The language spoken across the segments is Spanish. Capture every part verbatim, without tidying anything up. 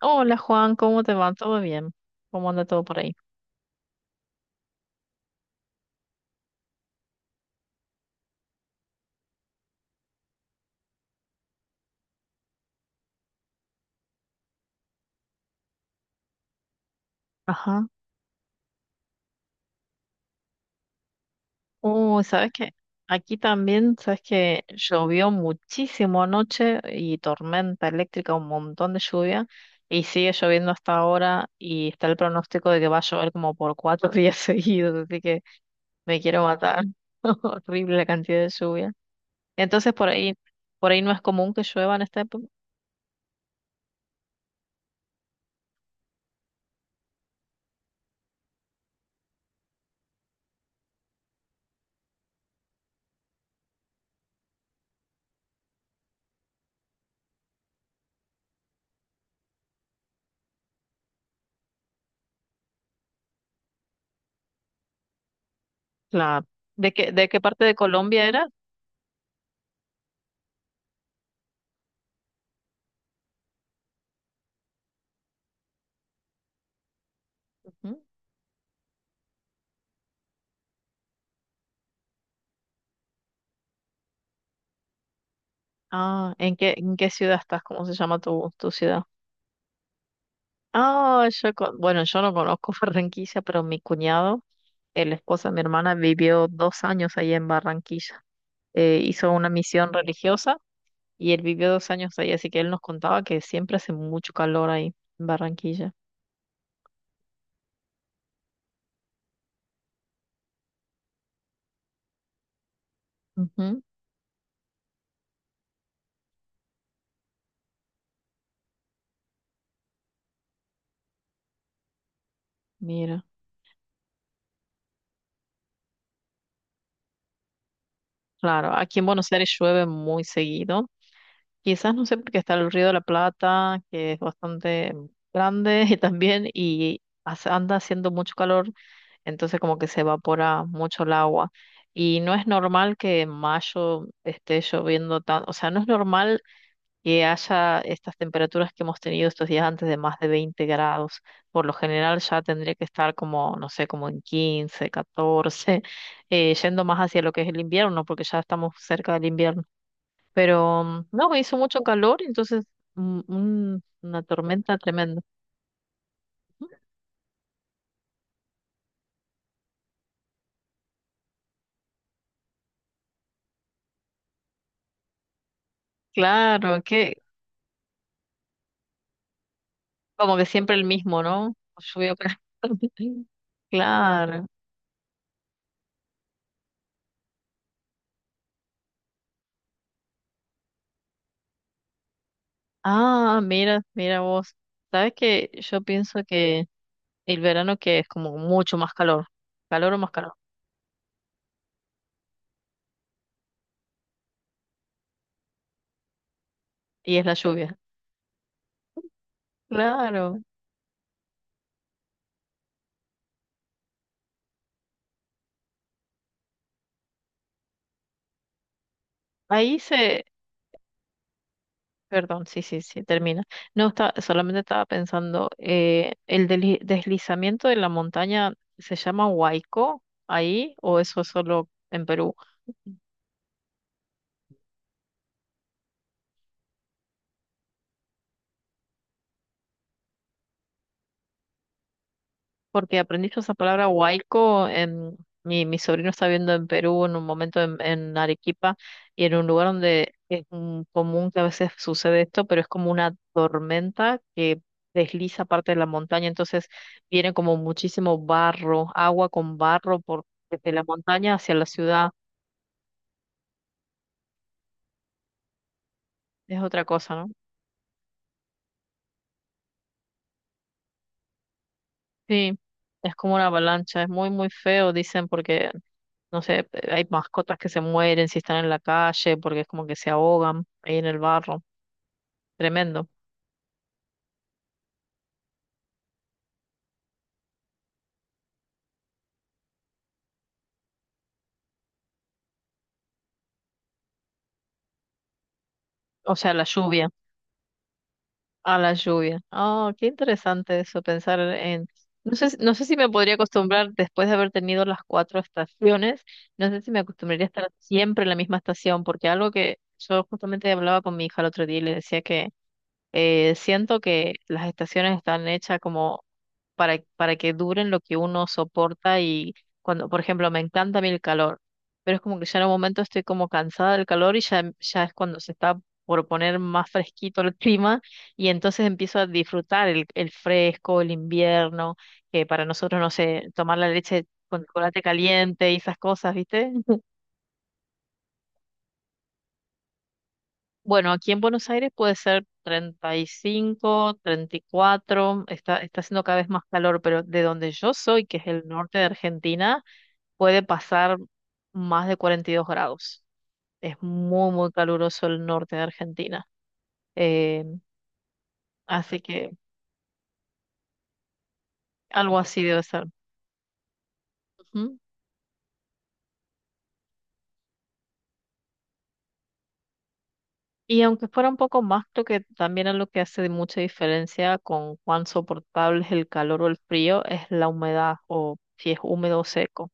Hola Juan, ¿cómo te va? ¿Todo bien? ¿Cómo anda todo por ahí? Ajá. Uy, ¿sabes qué? Aquí también, ¿sabes qué? Llovió muchísimo anoche y tormenta eléctrica, un montón de lluvia y sigue lloviendo hasta ahora y está el pronóstico de que va a llover como por cuatro días seguidos, así que me quiero matar. Horrible la cantidad de lluvia. Entonces por ahí, por ahí no es común que llueva en esta época. Claro. ¿De qué, de qué parte de Colombia era? Ah, ¿en qué, en qué ciudad estás? ¿Cómo se llama tu, tu ciudad? Ah, yo, con- bueno, yo no conozco Barranquilla, pero mi cuñado, el esposo de mi hermana, vivió dos años ahí en Barranquilla. Eh, hizo una misión religiosa y él vivió dos años ahí, así que él nos contaba que siempre hace mucho calor ahí en Barranquilla. Ujú, mira, claro, aquí en Buenos Aires llueve muy seguido. Quizás no sé porque está el Río de la Plata, que es bastante grande y también y hace- anda haciendo mucho calor, entonces como que se evapora mucho el agua. Y no es normal que en mayo esté lloviendo tan, o sea, no es normal que haya estas temperaturas que hemos tenido estos días antes de más de veinte grados. Por lo general ya tendría que estar como, no sé, como en quince catorce, eh, yendo más hacia lo que es el invierno, porque ya estamos cerca del invierno. Pero mm, no, hizo mucho calor, entonces mm, un- una tormenta tremenda. Claro, que como que siempre el mismo, ¿no? Llovió. cada- Claro. Ah, mira, mira vos. ¿Sabes que Yo pienso que el verano, que es como mucho más calor, calor o más calor, y es la lluvia? Claro. Ahí se, perdón, sí, sí, sí, termina. No, está, solamente estaba pensando, eh, ¿el deli- deslizamiento de la montaña se llama huaico ahí o eso es solo en Perú? Porque aprendí yo esa palabra huaico, en, mi, mi sobrino está viendo en Perú en un momento en, en Arequipa y en un lugar donde es mm, común que a veces sucede esto, pero es como una tormenta que desliza parte de la montaña, entonces viene como muchísimo barro, agua con barro por desde la montaña hacia la ciudad. Es otra cosa, ¿no? Sí, es como una avalancha, es muy, muy feo, dicen, porque, no sé, hay mascotas que se mueren si están en la calle, porque es como que se ahogan ahí en el barro, tremendo. O sea, la lluvia, a la lluvia. Oh, qué interesante eso, pensar en. No sé, si- no sé si me podría acostumbrar, después de haber tenido las cuatro estaciones, no sé si me acostumbraría a estar siempre en la misma estación, porque algo que yo justamente hablaba con mi hija el otro día y le decía que. Eh, siento que las estaciones están hechas como para, para que duren lo que uno soporta y cuando, por ejemplo, me encanta a mí el calor, pero es como que ya en un momento estoy como cansada del calor y ya, ya es cuando se está por poner más fresquito el clima y entonces empiezo a disfrutar el, el fresco, el invierno, que para nosotros, no sé, tomar la leche con chocolate caliente y esas cosas, ¿viste? Bueno, aquí en Buenos Aires puede ser treinta treinta y cinco, treinta y cuatro. está, está haciendo cada vez más calor, pero de donde yo soy, que es el norte de Argentina, puede pasar más de cuarenta y dos grados. Es muy, muy caluroso el norte de Argentina. Eh, así que algo así debe ser. Ujú. Y aunque fuera un poco más, creo que también es lo que hace mucha diferencia con cuán soportable es el calor o el frío, es la humedad o si es húmedo o seco,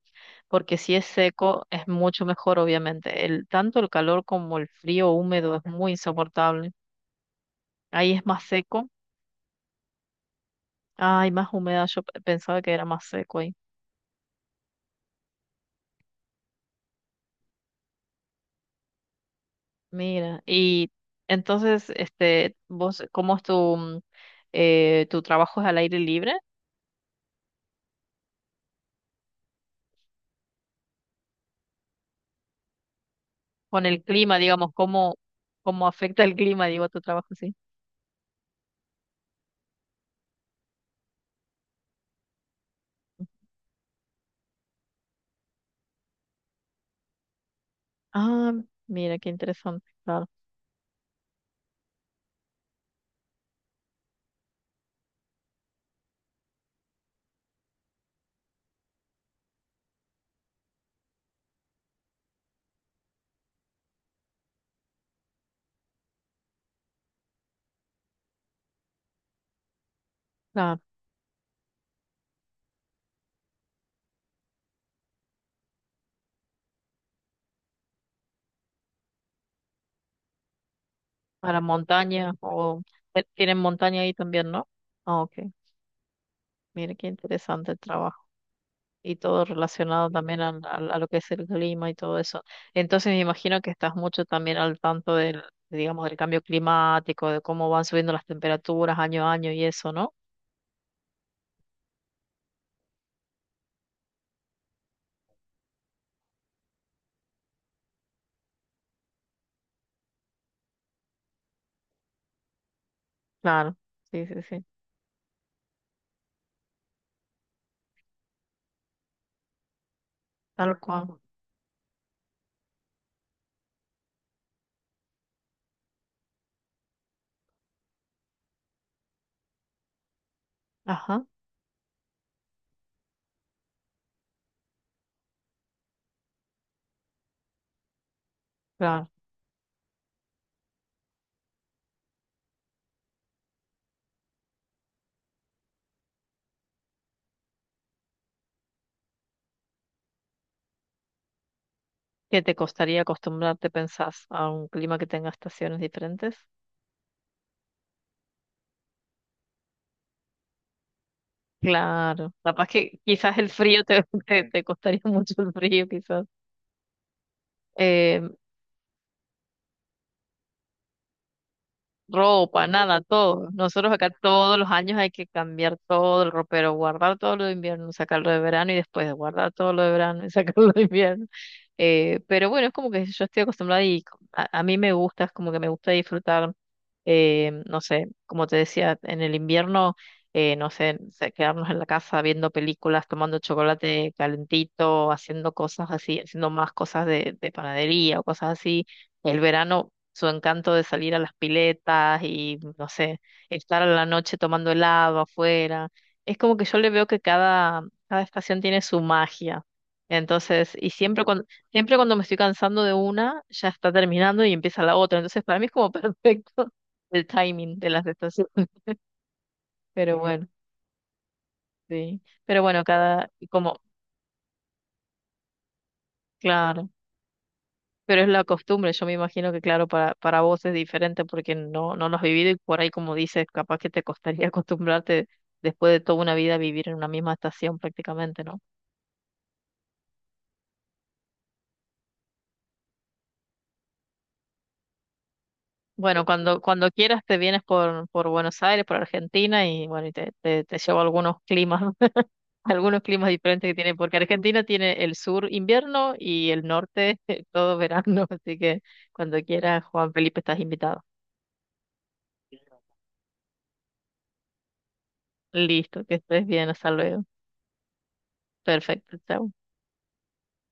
porque si es seco es mucho mejor, obviamente. El, tanto el calor como el frío húmedo es muy insoportable. Ahí es más seco. Ay, más húmeda, yo pe- pensaba que era más seco ahí. Mira, y entonces, este, vos, ¿cómo es tu, mm, eh, tu trabajo es al aire libre? Con el clima, digamos, ¿cómo, cómo afecta el clima, digo, tu trabajo sí? Ah, mira, qué interesante, claro. Claro, para montaña, o eh, tienen montaña ahí también, ¿no? Ah, ok, mira, qué interesante el trabajo y todo relacionado también al- al- a, lo que es el clima y todo eso. Entonces me imagino que estás mucho también al tanto del, digamos, del cambio climático, de cómo van subiendo las temperaturas año a año y eso, ¿no? Claro, sí, sí, sí, tal cual. Ajá, claro. ¿Qué te costaría acostumbrarte, pensás, a un clima que tenga estaciones diferentes? Claro, capaz que quizás el frío te, te, te costaría mucho el frío, quizás. Ropa, nada, todo. Nosotros acá todos los años hay que cambiar todo el ropero, guardar todo lo de invierno, sacarlo de verano y después guardar todo lo de verano y sacarlo de invierno. Eh, pero bueno, es como que yo estoy acostumbrada y co- a, a mí me gusta, es como que me gusta disfrutar, eh, no sé, como te decía, en el invierno, eh, no sé, se- quedarnos en la casa viendo películas, tomando chocolate calentito, haciendo cosas así, haciendo más cosas de, de panadería o cosas así. El verano, su encanto de salir a las piletas y, no sé, estar a la noche tomando helado afuera. Es como que yo le veo que cada, cada estación tiene su magia. Entonces, y siempre cuando, siempre cuando me estoy cansando de una, ya está terminando y empieza la otra. Entonces, para mí es como perfecto el timing de las estaciones. Pero bueno, sí. Pero bueno, cada, como, claro. Pero es la costumbre, yo me imagino que claro, para, para vos es diferente porque no, no lo has vivido y por ahí como dices, capaz que te costaría acostumbrarte después de toda una vida a vivir en una misma estación prácticamente, ¿no? Bueno, cuando, cuando quieras te vienes por, por Buenos Aires, por Argentina y bueno, y te, te, te llevo algunos climas, ¿no? Algunos climas diferentes que tiene, porque Argentina tiene el sur invierno y el norte todo verano, así que cuando quieras, Juan Felipe, estás invitado. Listo, que estés bien, hasta luego. Perfecto, chao.